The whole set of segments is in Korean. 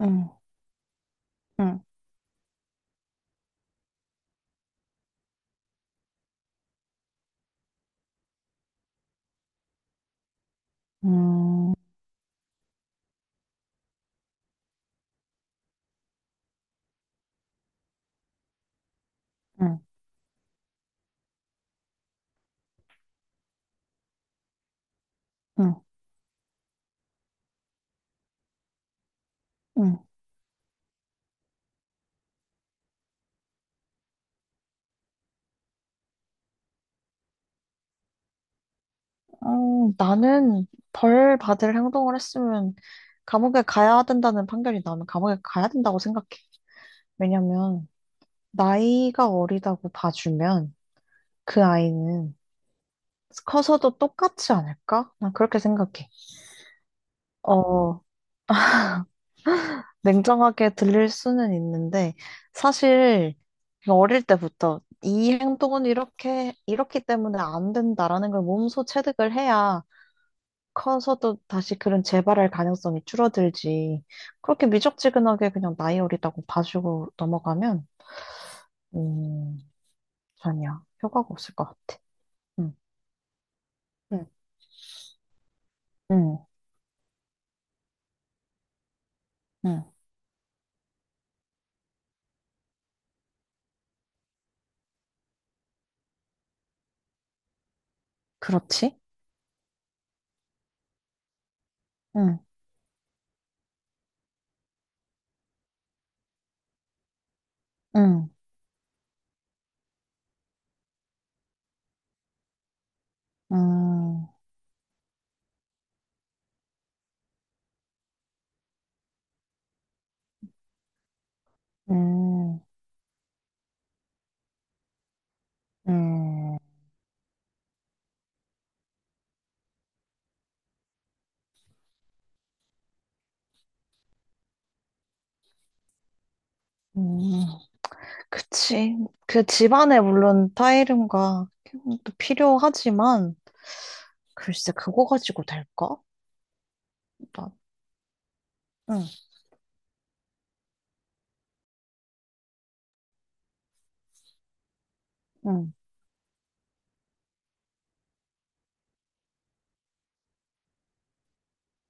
응, 응, 응응응 응. 어, 나는 벌 받을 행동을 했으면 감옥에 가야 된다는 판결이 나오면 감옥에 가야 된다고 생각해. 왜냐면 나이가 어리다고 봐주면 그 아이는 커서도 똑같지 않을까? 난 그렇게 생각해. 어, 냉정하게 들릴 수는 있는데 사실 어릴 때부터 이 행동은 이렇게, 이렇기 때문에 안 된다라는 걸 몸소 체득을 해야 커서도 다시 그런 재발할 가능성이 줄어들지. 그렇게 미적지근하게 그냥 나이 어리다고 봐주고 넘어가면, 음, 전혀 효과가 없을 것 같아. 응, 응. 응, 응. 그렇지? 응, 응, 음, 음, 음, 음. 그치. 그 집안에 물론 타이름과 또 필요하지만, 글쎄, 그거 가지고 될까? 나, 응, 응,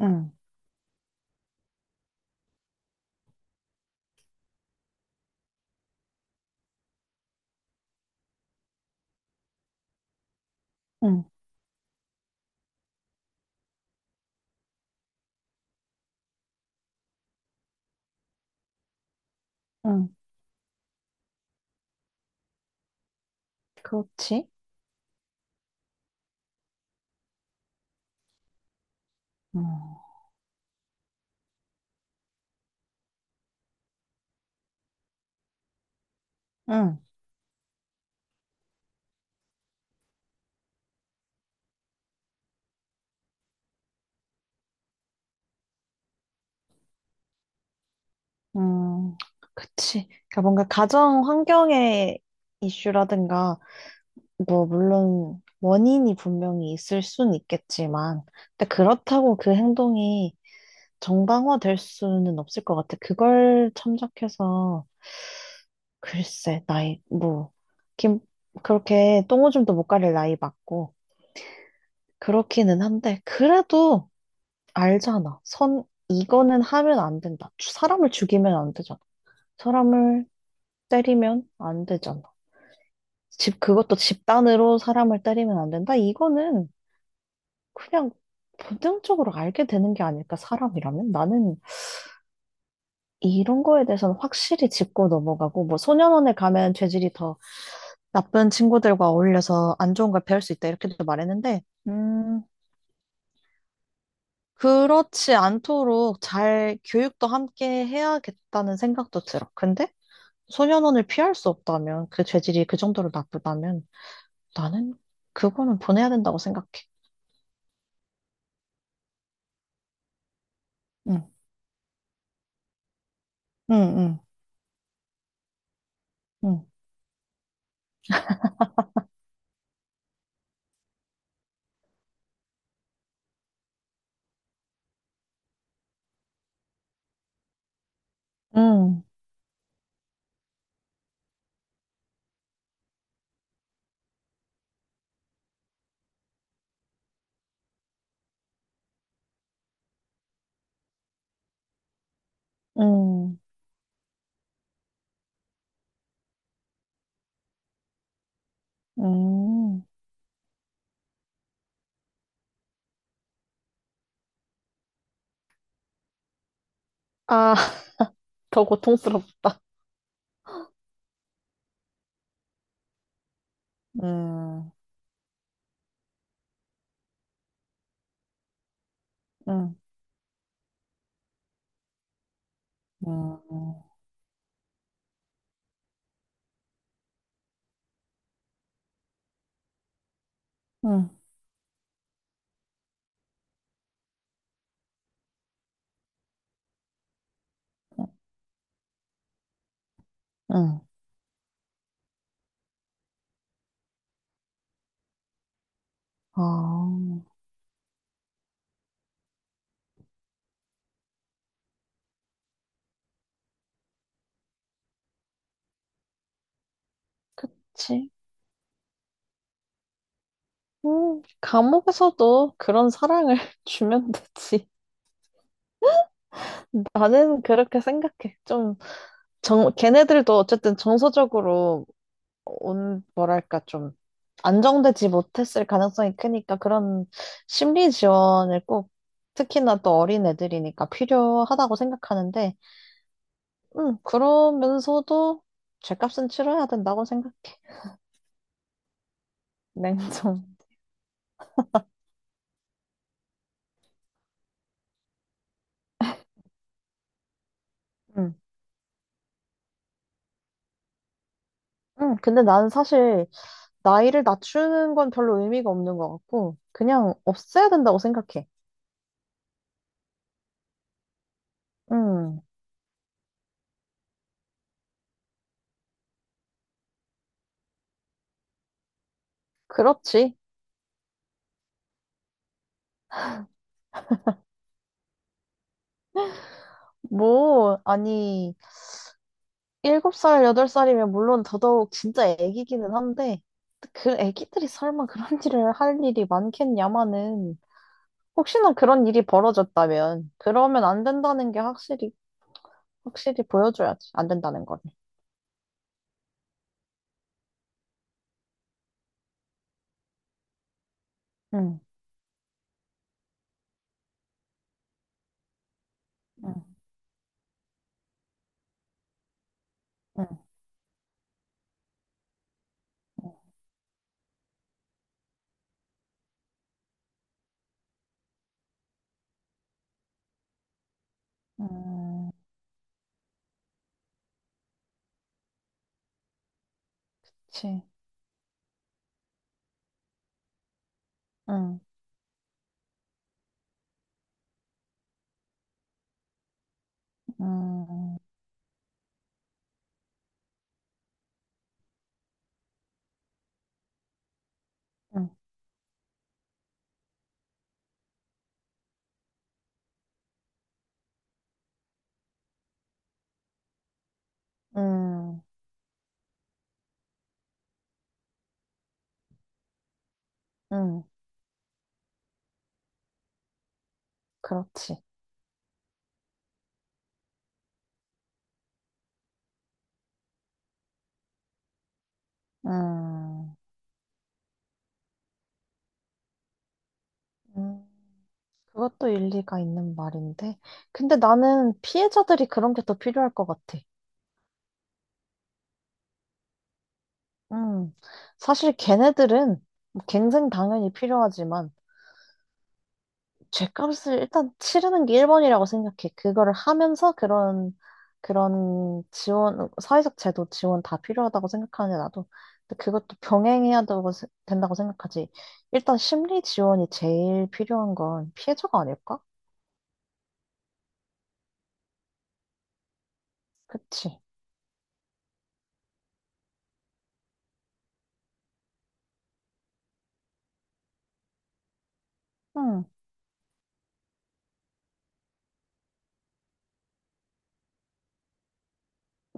응, 응, 응. 그렇지? 음. 응, 음, 그치. 그러니까 뭔가 가정 환경의 이슈라든가, 뭐, 물론 원인이 분명히 있을 순 있겠지만, 근데 그렇다고 그 행동이 정당화될 수는 없을 것 같아. 그걸 참작해서, 글쎄, 나이, 뭐, 김, 그렇게 똥오줌도 못 가릴 나이 맞고, 그렇기는 한데, 그래도 알잖아. 선, 이거는 하면 안 된다. 사람을 죽이면 안 되잖아. 사람을 때리면 안 되잖아. 집, 그것도 집단으로 사람을 때리면 안 된다? 이거는 그냥 본능적으로 알게 되는 게 아닐까, 사람이라면? 나는 이런 거에 대해서는 확실히 짚고 넘어가고, 뭐, 소년원에 가면 죄질이 더 나쁜 친구들과 어울려서 안 좋은 걸 배울 수 있다, 이렇게도 말했는데, 음, 그렇지 않도록 잘 교육도 함께 해야겠다는 생각도 들어. 근데 소년원을 피할 수 없다면, 그 죄질이 그 정도로 나쁘다면, 나는 그거는 보내야 된다고 생각해. 응, 응, 응, 응, 응, 응, 아, 더 고통스럽다. 응, 응, 응, 응, 응, 아 그치? 감옥에서도 그런 사랑을 주면 되지. 나는 그렇게 생각해. 좀, 정, 걔네들도 어쨌든 정서적으로 온, 뭐랄까, 좀, 안정되지 못했을 가능성이 크니까 그런 심리 지원을 꼭, 특히나 또 어린 애들이니까 필요하다고 생각하는데, 그러면서도 죄값은 치러야 된다고 생각해. 냉정. 음. 근데 나는 사실 나이를 낮추는 건 별로 의미가 없는 것 같고, 그냥 없애야 된다고 생각해. 음, 그렇지. 뭐, 아니. 일곱 살 여덟 살이면 물론 더더욱 진짜 애기기는 한데, 그 애기들이 설마 그런 일을 할 일이 많겠냐마는, 혹시나 그런 일이 벌어졌다면, 그러면 안 된다는 게 확실히, 확실히 보여줘야지. 안 된다는 거를. 응, 응, 응, 응, 응, 그치. 응, 응, 응, 응, 응, 그렇지. 응, 응. 그것도 일리가 있는 말인데. 근데 나는 피해자들이 그런 게 더 필요할 것 같아. 음, 사실 걔네들은 뭐 갱생 당연히 필요하지만 죗값을 일단 치르는 게 1번이라고 생각해. 그거를 하면서 그런 지원, 사회적 제도 지원 다 필요하다고 생각하는데 나도 근데 그것도 병행해야 되고, 세- 된다고 생각하지. 일단 심리 지원이 제일 필요한 건 피해자가 아닐까? 그치? 응,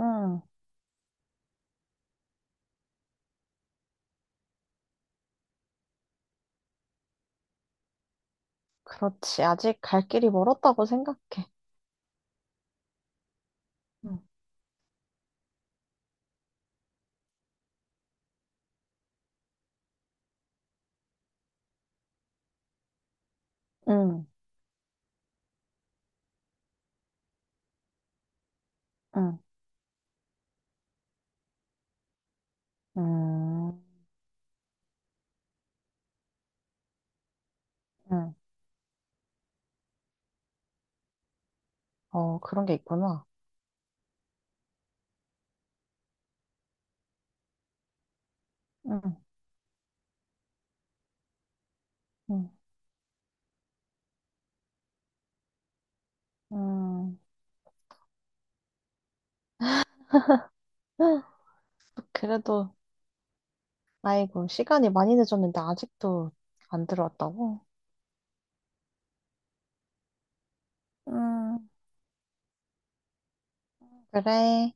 응, 그렇지. 아직 갈 길이 멀었다고 생각해. 응, 응, 응, 응, 응. 어, 그런 게 있구나. 응, 응, 응. 그래도, 아이고, 시간이 많이 늦었는데 아직도 안 들어왔다고? 음, 그래.